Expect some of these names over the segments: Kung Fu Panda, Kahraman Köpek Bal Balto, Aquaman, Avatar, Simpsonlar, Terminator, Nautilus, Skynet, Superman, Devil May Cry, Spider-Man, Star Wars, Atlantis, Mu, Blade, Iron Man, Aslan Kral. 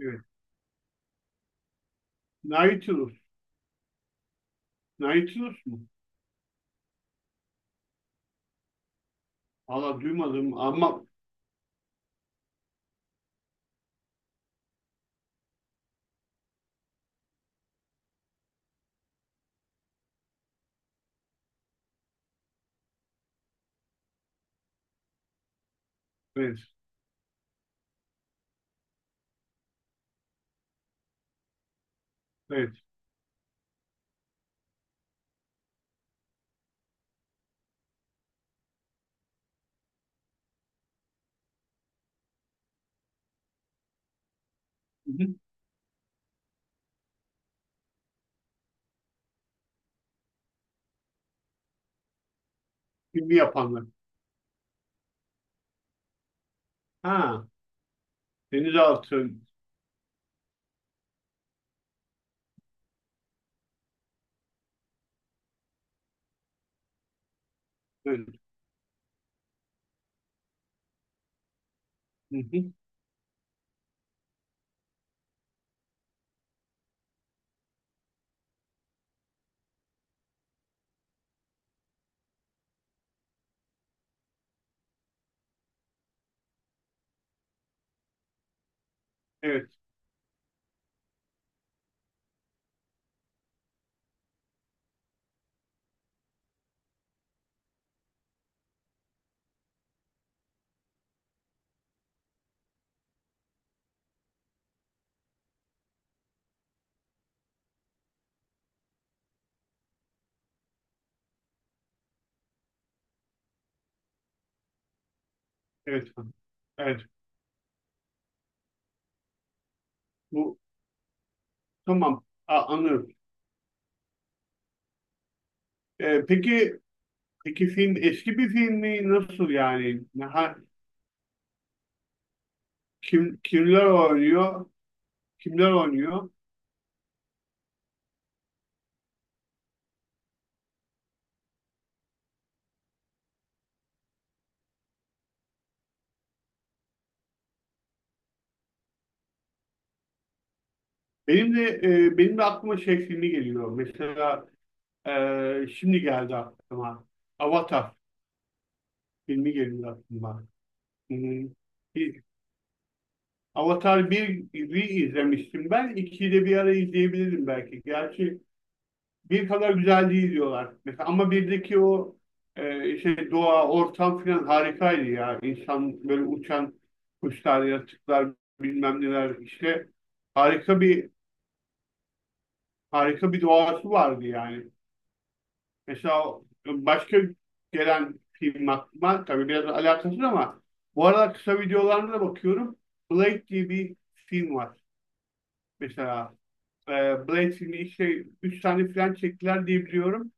Evet. Nautilus. Nautilus mu? Allah duymadım ama evet. Evet. Hı hı. Filmi yapanlar. Ha, denizaltı. Evet. Hı hı. Evet. Evet. Evet. Bu tamam. Anlıyorum. Ee, peki peki film eski bir film mi? Nasıl yani? Ha, kimler oynuyor? Kimler oynuyor? Benim de aklıma şey filmi geliyor. Mesela şimdi geldi aklıma. Avatar filmi geliyor aklıma. Hı hı. Bir- Avatar 1'i izlemiştim ben. 2'yi de bir ara izleyebilirim belki. Gerçi bir kadar güzel değil diyorlar. Mesela ama birdeki o, işte doğa, ortam falan harikaydı ya. İnsan böyle uçan kuşlar, yaratıklar, bilmem neler işte harika bir harika bir doğası vardı yani. Mesela başka gelen film aklıma, tabii biraz alakasız ama bu arada kısa videolarına da bakıyorum. Blade diye bir film var. Mesela e, Blade filmi işte 3 tane falan çektiler diye biliyorum.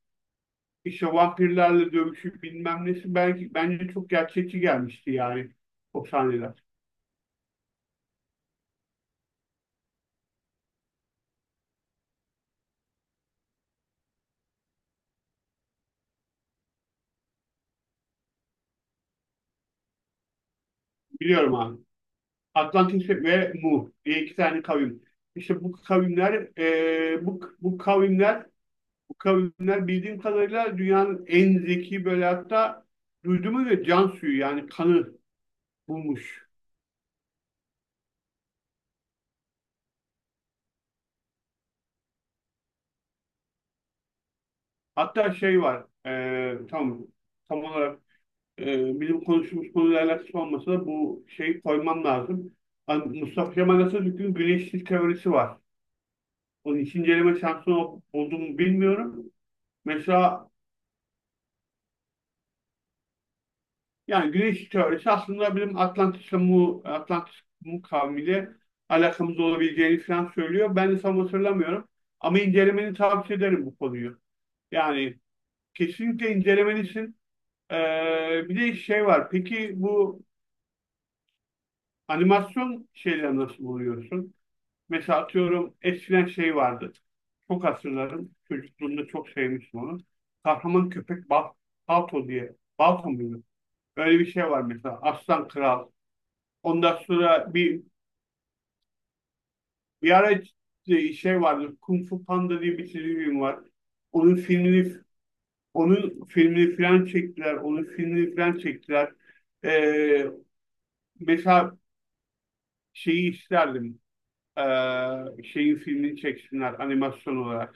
İşte vampirlerle dövüşü bilmem nesi, belki bence çok gerçekçi gelmişti yani o sahneler. Biliyorum abi. Atlantis ve Mu diye iki tane kavim. İşte bu kavimler e, bu, bu kavimler bu kavimler bildiğim kadarıyla dünyanın en zeki, böyle hatta duyduğuma göre can suyu yani kanı bulmuş. Hatta şey var, tam olarak, bizim konuştuğumuz konuyla alakası olmasa da bu şeyi koymam lazım. Mustafa Kemal Atatürk'ün güneşsiz teorisi var. Onun hiç inceleme şansı oldu mu bilmiyorum. Mesela, yani güneş teorisi aslında bizim Atlantis'le Mu, Atlantis Mu kavmiyle alakamız olabileceğini falan söylüyor. Ben de tam hatırlamıyorum. Ama incelemeni tavsiye ederim bu konuyu. Yani kesinlikle incelemelisin. Ee, Bir de şey var. Peki bu animasyon şeyleri nasıl buluyorsun? Mesela atıyorum, eskiden şey vardı. Çok hatırlarım, çocukluğumda çok sevmiştim onu. Kahraman Köpek Balto diye. Balto muydu? Öyle bir şey var mesela. Aslan Kral. Ondan sonra bir ara şey vardı. Kung Fu Panda diye bir çizgi film var. Onun filmini onun filmini falan çektiler. Onun filmini falan çektiler. Ee, Mesela şeyi isterdim. Ee, Şeyin filmini çeksinler animasyon olarak.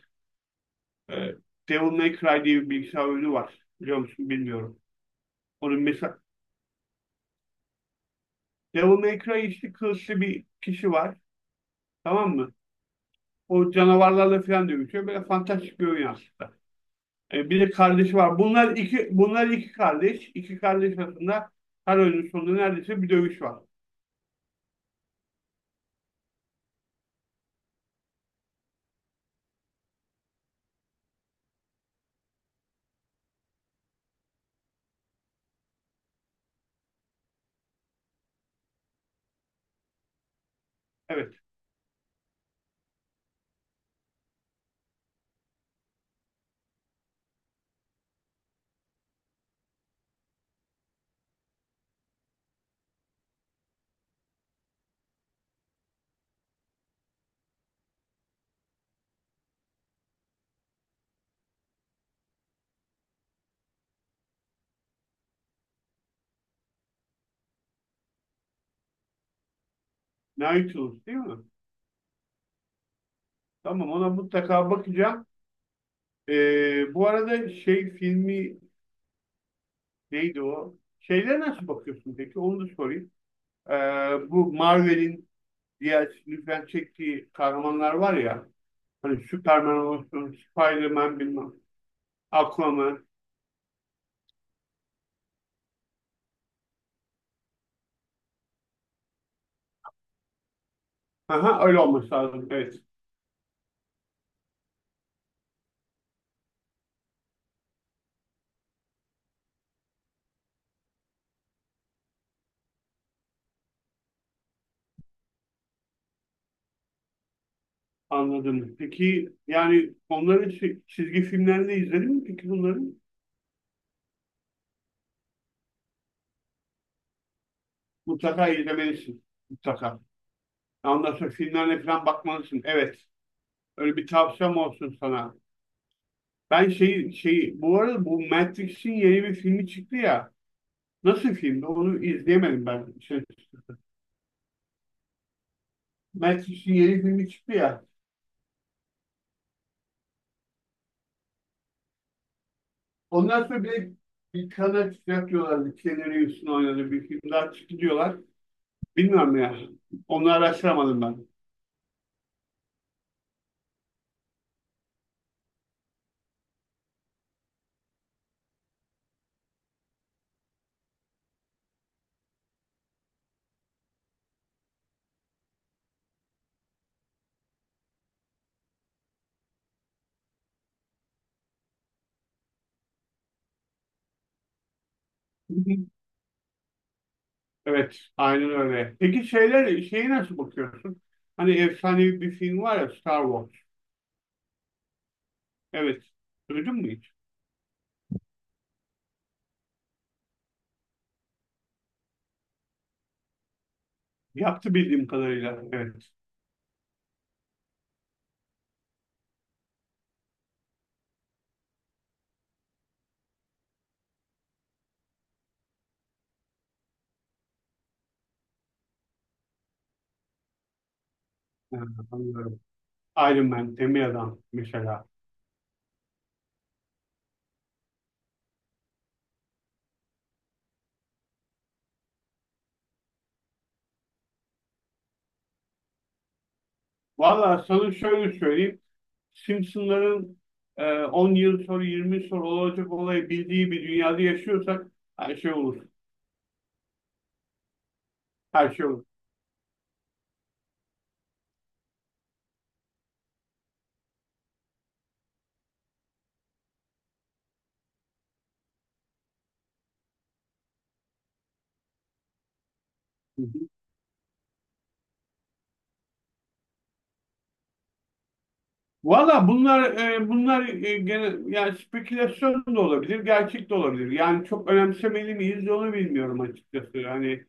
Ee, Devil May Cry diye bir bilgisayar oyunu var. Biliyor musun? Bilmiyorum. Onun mesela, Devil May Cry, işte kılıçlı bir kişi var. Tamam mı? O canavarlarla falan dövüşüyor. Böyle fantastik bir oyun aslında. Bir de kardeşi var. Bunlar iki kardeş. İki kardeş arasında her oyunun sonunda neredeyse bir dövüş var. Evet. Nautilus değil mi? Tamam, ona mutlaka bakacağım. Bu arada şey filmi neydi o? Şeylere nasıl bakıyorsun peki? Onu da sorayım. Bu Marvel'in diğer lütfen çektiği kahramanlar var ya. Hani Superman olsun, Spider-Man bilmem, Aquaman. Aha, Öyle olması lazım. Evet. Anladım. Peki yani onların çizgi filmlerini izledin mi peki bunları? Mutlaka izlemelisin. Mutlaka. Ondan sonra filmlerine falan bakmalısın. Evet. Öyle bir tavsiyem olsun sana. Ben bu arada bu Matrix'in yeni bir filmi çıktı ya. Nasıl filmdi? Onu izleyemedim ben. Şey, Matrix'in yeni filmi çıktı ya. Ondan sonra bir kanal çıkacak diyorlardı. Keanu Reeves'in oynadığı bir film daha çıktı diyorlar. Bilmiyorum ya. Onu araştıramadım ben. Hı hı. Evet, aynen öyle. Peki şeyler şeyi nasıl bakıyorsun? Hani efsanevi bir film var ya, Star Wars. Evet. Duydun mu hiç? Yaptı bildiğim kadarıyla. Evet. Ha, Anlıyorum. Iron Man, Demir Adam mesela. Valla sana şöyle söyleyeyim. Simpsonların, 10 yıl sonra 20 yıl sonra olacak olayı bildiği bir dünyada yaşıyorsak her şey olur. Her şey olur. Hı hı. Valla bunlar, gene yani spekülasyon da olabilir, gerçek de olabilir. Yani çok önemsemeli miyiz onu bilmiyorum açıkçası. Yani,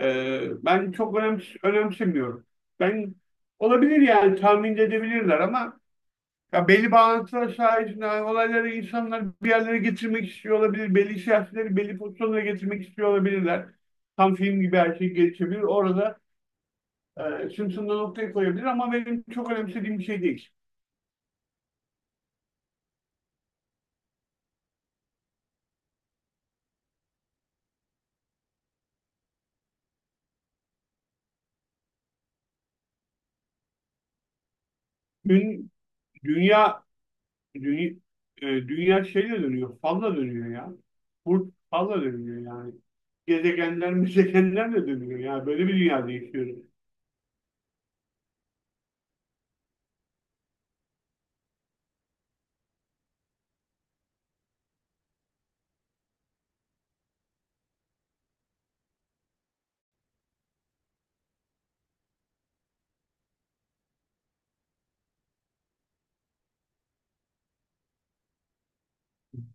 ben çok önemsemiyorum. Ben olabilir, yani tahmin edebilirler ama ya, belli bağlantılar sayesinde olayları insanlar bir yerlere getirmek istiyor olabilir. Belli siyasetleri belli pozisyonlara getirmek istiyor olabilirler. Tam film gibi her şey gelişebilir. Orada, Simpson'da noktayı koyabilir ama benim çok önemsediğim bir şey değil. Dün, dünya dünya, dünya şeyle dönüyor. Falla dönüyor ya. Burt falla dönüyor yani. Gezegenler, müzegenler de dönüyor. Yani böyle bir dünyada yaşıyoruz.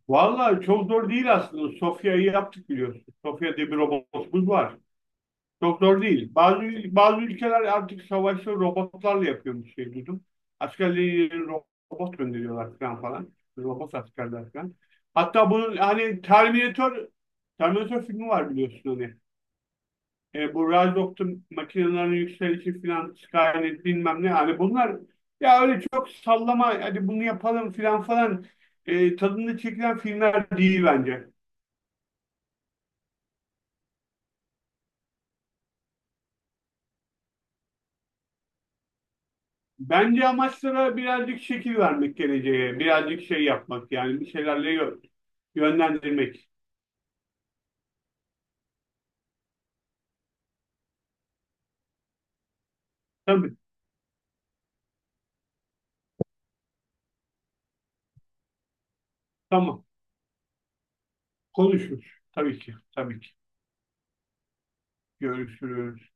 Vallahi çok zor değil aslında. Sofya'yı yaptık biliyorsun. Sofya diye bir robotumuz var. Çok zor değil. Bazı ülkeler artık savaşları robotlarla yapıyormuş şey duydum. Askerleri robot gönderiyorlar falan falan. Robot askerler falan. Hatta bunun hani Terminator filmi var biliyorsun hani. Bu Rise makinelerin yükselişi falan, Skynet bilmem ne. Hani bunlar ya öyle çok sallama hadi bunu yapalım falan falan, tadında çekilen filmler değil bence. Bence amaçlara birazcık şekil vermek geleceğe, birazcık şey yapmak, yani bir şeylerle yönlendirmek. Tabii, tamam. Konuşuruz. Tabii ki, tabii ki. Görüşürüz.